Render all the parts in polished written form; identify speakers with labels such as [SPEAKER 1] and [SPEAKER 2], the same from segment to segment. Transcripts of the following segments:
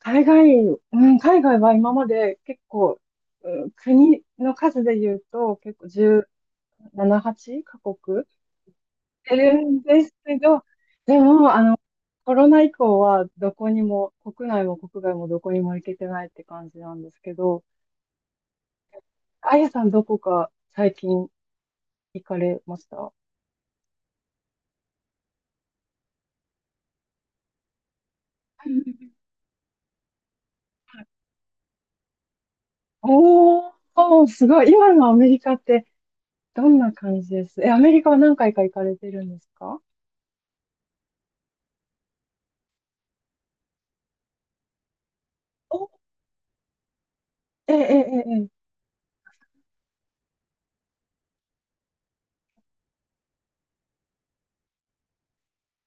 [SPEAKER 1] 海外、うん、海外は今まで結構、うん、国の数で言うと結構17、8カ国いるんですけど、でも、コロナ以降はどこにも、国内も国外もどこにも行けてないって感じなんですけど、あやさんどこか最近行かれました？おー、すごい。今のアメリカってどんな感じです？え、アメリカは何回か行かれてるんですか？お、ええええええ。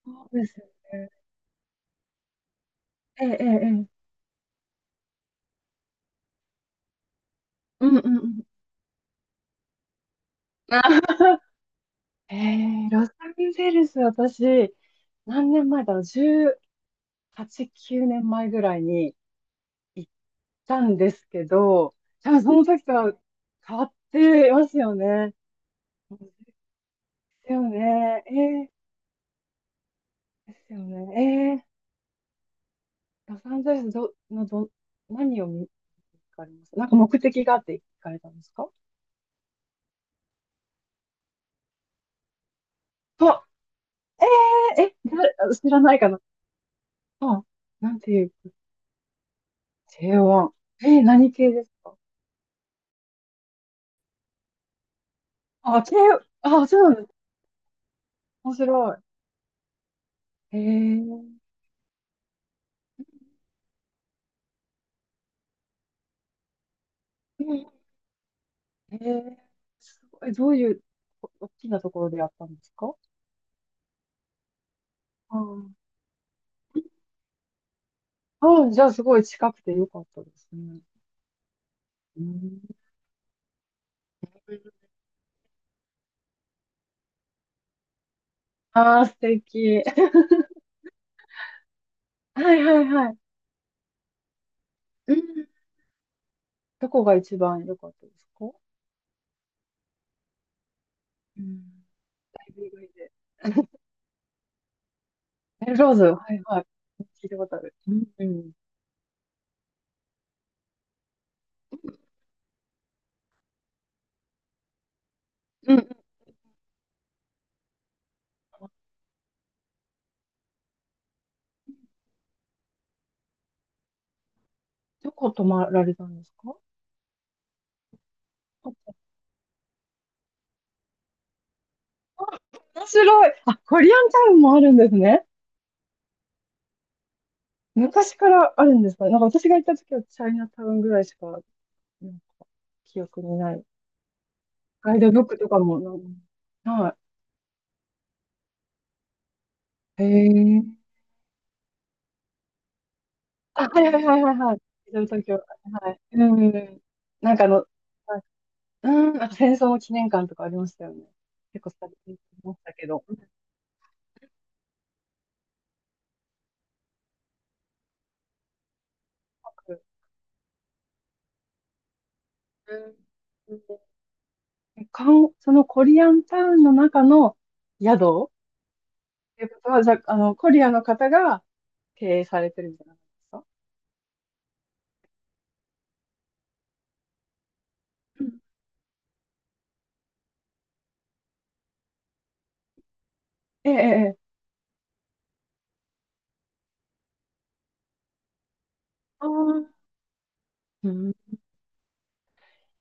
[SPEAKER 1] そうですよね。ええ、ええ、ええ。うんうんうん。あー ええ、ロサンゼルス、私、何年前だろう、18、9年前ぐらいに行ったんですけど、多分その時とは変わってますよね。ですよね。ええ、ですよね。ええ、ロサンゼルスど、のど、何を見、行かれますなんか目的があって行かれたんですか？あ、ええ、え、だ知らないかな。あ、なんていう。K1。何系ですか？あ、K、あ、そうなんです。面白い。えー、えー、すごい。どういう大きなところでやったんですか？ああ、あじゃあすごい近くてよかったですね。うん、ああ、素敵。はいはいはい。うん、どこが一番良かったですか？うん。ライブ以外で。え、ローズ、はいはい。聞いたことある。うん。うん。うん。どこ泊まられたんですか？面白い。あ、コリアンタウンもあるんですね。昔からあるんですか？なんか私が行った時はチャイナタウンぐらいしか、なんか記憶にない。ガイドブックとかもなんか、はい。へえ。あ、はいはいはいはいはい。東京、はい。うん。なんかはいうん、なんか戦争の記念館とかありましたよね。結構されてましたけど。うまくうん。うんかんそのコリアンタウンの中の宿っていうことは、じゃあ、コリアの方が、経営されてるんじゃないですか？うんええ、ええ。ああ、うん、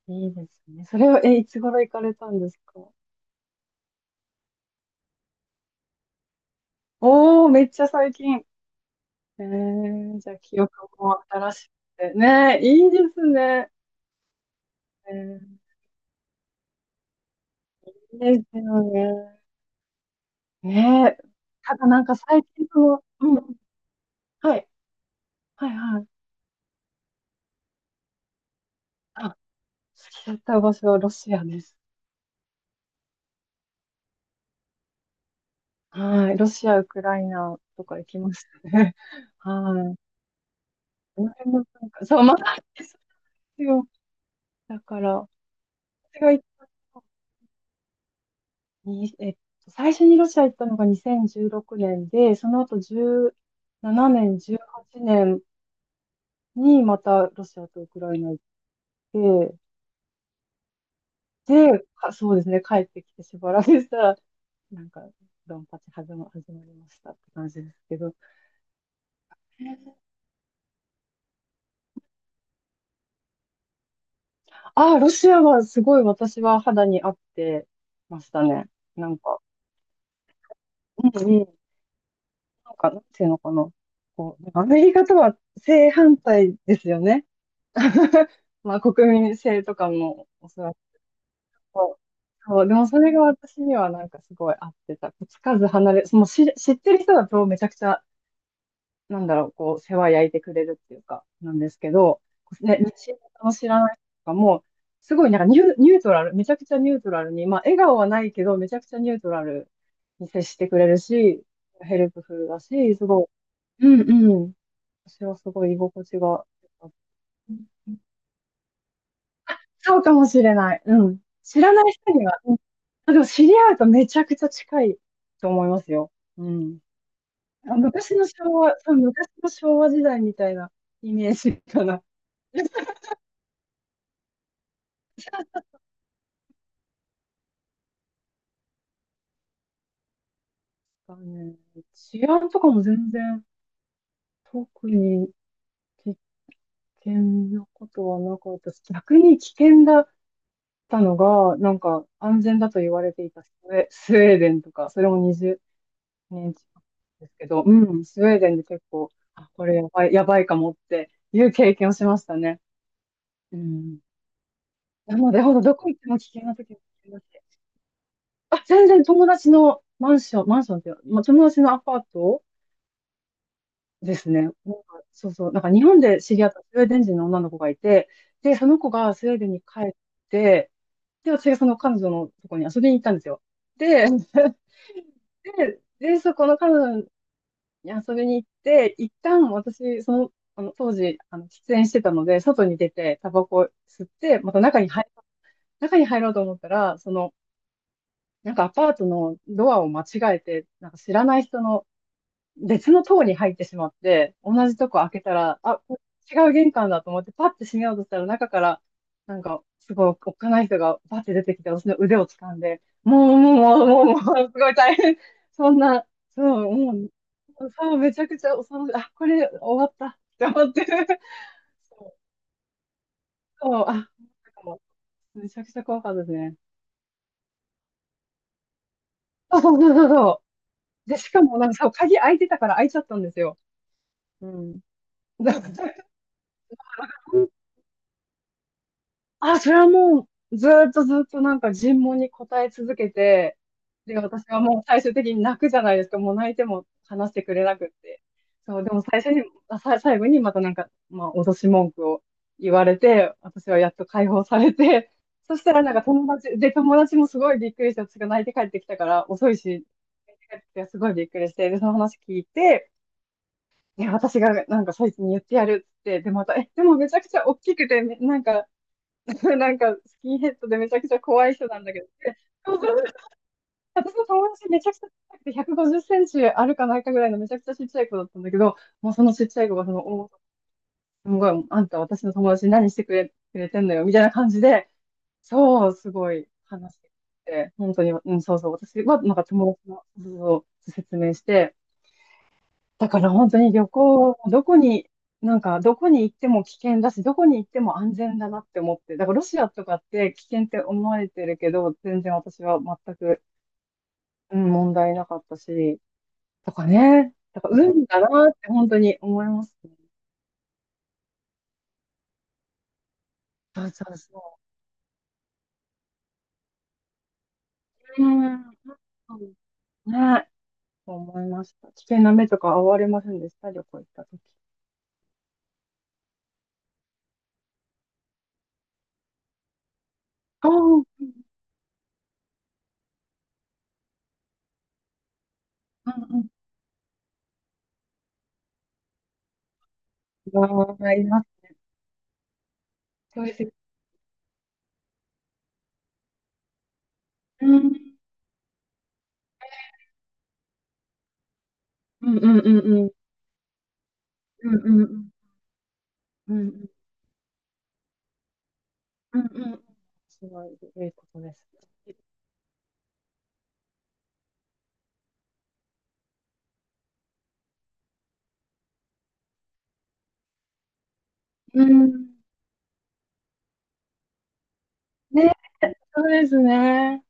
[SPEAKER 1] いいですね。それを、いつ頃行かれたんですか？おー、めっちゃ最近。ええ、じゃあ記憶も新しくて。ねえ、いいですね。ええ、いいですよね。ねえ、ただなんか最近うん、はい、はい、はい。あ、好きだった場所はロシアです。はい、ロシア、ウクライナとか行きましたね。はい。この辺もなんか、そう、まだです、だから、私が行ったのに、最初にロシア行ったのが2016年で、その後17年、18年にまたロシアとウクライナ行って、で、そうですね、帰ってきてしばらくしたら、なんか、ドンパチ始まりましたって感じですけど。ああ、ロシアはすごい私は肌に合ってましたね。なんか、うんうん、なんか、なんていうのかな。こう、アメリカとは正反対ですよね。まあ、国民性とかもおそらくそうそう、でもそれが私にはなんかすごい合ってた。つかず離れ、もう知ってる人だとめちゃくちゃ、なんだろう、こう、世話焼いてくれるっていうか、なんですけど、ね、知らない人とかも、すごいなんかニュートラル、めちゃくちゃニュートラルに、まあ、笑顔はないけど、めちゃくちゃニュートラルに接してくれるし、ヘルプフルだし、すごい、うんうん、私はすごい居心地が良かった、そうかもしれない。うん。知らない人には、うん。あ、でも知り合うとめちゃくちゃ近いと思いますよ。うん。あ、昔の昭和、そう、昔の昭和時代みたいなイメージかな。だね。治安とかも全然特に危険なことはなかったし、逆に危険だったのが、なんか安全だと言われていたスウェーデンとか、それも20、ね、ですけど、うん、スウェーデンで結構、あ、これやばい、やばいかもっていう経験をしましたね。うん。なので、ほんとどこ行っても危険な時もありますしあ、全然友達のマンションっていうか、まあ、友達のアパートですね。なんか、そうそう、なんか日本で知り合ったスウェーデン人の女の子がいて、で、その子がスウェーデンに帰って、で、私がその彼女のとこに遊びに行ったんですよ。で、で、そこの彼女に遊びに行って、一旦私、あの当時、喫煙してたので、外に出て、タバコ吸って、また中に入ろうと思ったら、なんかアパートのドアを間違えて、なんか知らない人の別の棟に入ってしまって、同じとこ開けたら、あ、これ違う玄関だと思って、パッて閉めようとしたら、中から、なんか、すごい、おっかない人がパッて出てきて、私の腕を掴んで、もう、もう、もう、もう、もう、すごい大変。そんな、そう、もう、そう、めちゃくちゃ恐ろしい。あ、これ終わったって思って。そう、そうあ、なんかもうめちゃくちゃ怖かったですね。そうそうそうそうそう。で、しかも、なんかそう、鍵開いてたから開いちゃったんですよ。うん。あ、それはもう、ずーっとずーっとなんか尋問に答え続けて、で、私はもう最終的に泣くじゃないですか。もう泣いても話してくれなくって。そう、でも最初に、あ、さ、最後にまたなんか、まあ、脅し文句を言われて、私はやっと解放されて、そしたらなんか友達、で、友達もすごいびっくりして、私が泣いて帰ってきたから、遅いし、泣いて帰ってきたからすごいびっくりして、で、その話聞いて、いや、私がなんかそいつに言ってやるっつって、で、また、でもめちゃくちゃ大きくて、なんか、なんか、スキンヘッドでめちゃくちゃ怖い人なんだけど、そうそう私の友達めちゃくちゃ小さくて150センチあるかないかぐらいのめちゃくちゃちっちゃい子だったんだけど、もうそのちっちゃい子がその、おーすごい、あんた私の友達に何してくれてんのよ、みたいな感じで、そう、すごい話してくれて、本当に、うん、そうそう、私はなんか友達の、そうそう説明して、だから本当に旅行、どこに、なんかどこに行っても危険だし、どこに行っても安全だなって思って、だからロシアとかって危険って思われてるけど、全然私は全く、うん、問題なかったし、とかね、だから運だなって本当に思いますね。そうそうそう。うん、うんね、そう思いました。危険な目とか遭われませんでした、旅行行った時。ああ、うんうん。わあ、います。そうです。うん、うんうんうんうん。うんうんうん。うんうんうんうん。すごい良いことです。うん。ね、そうですね。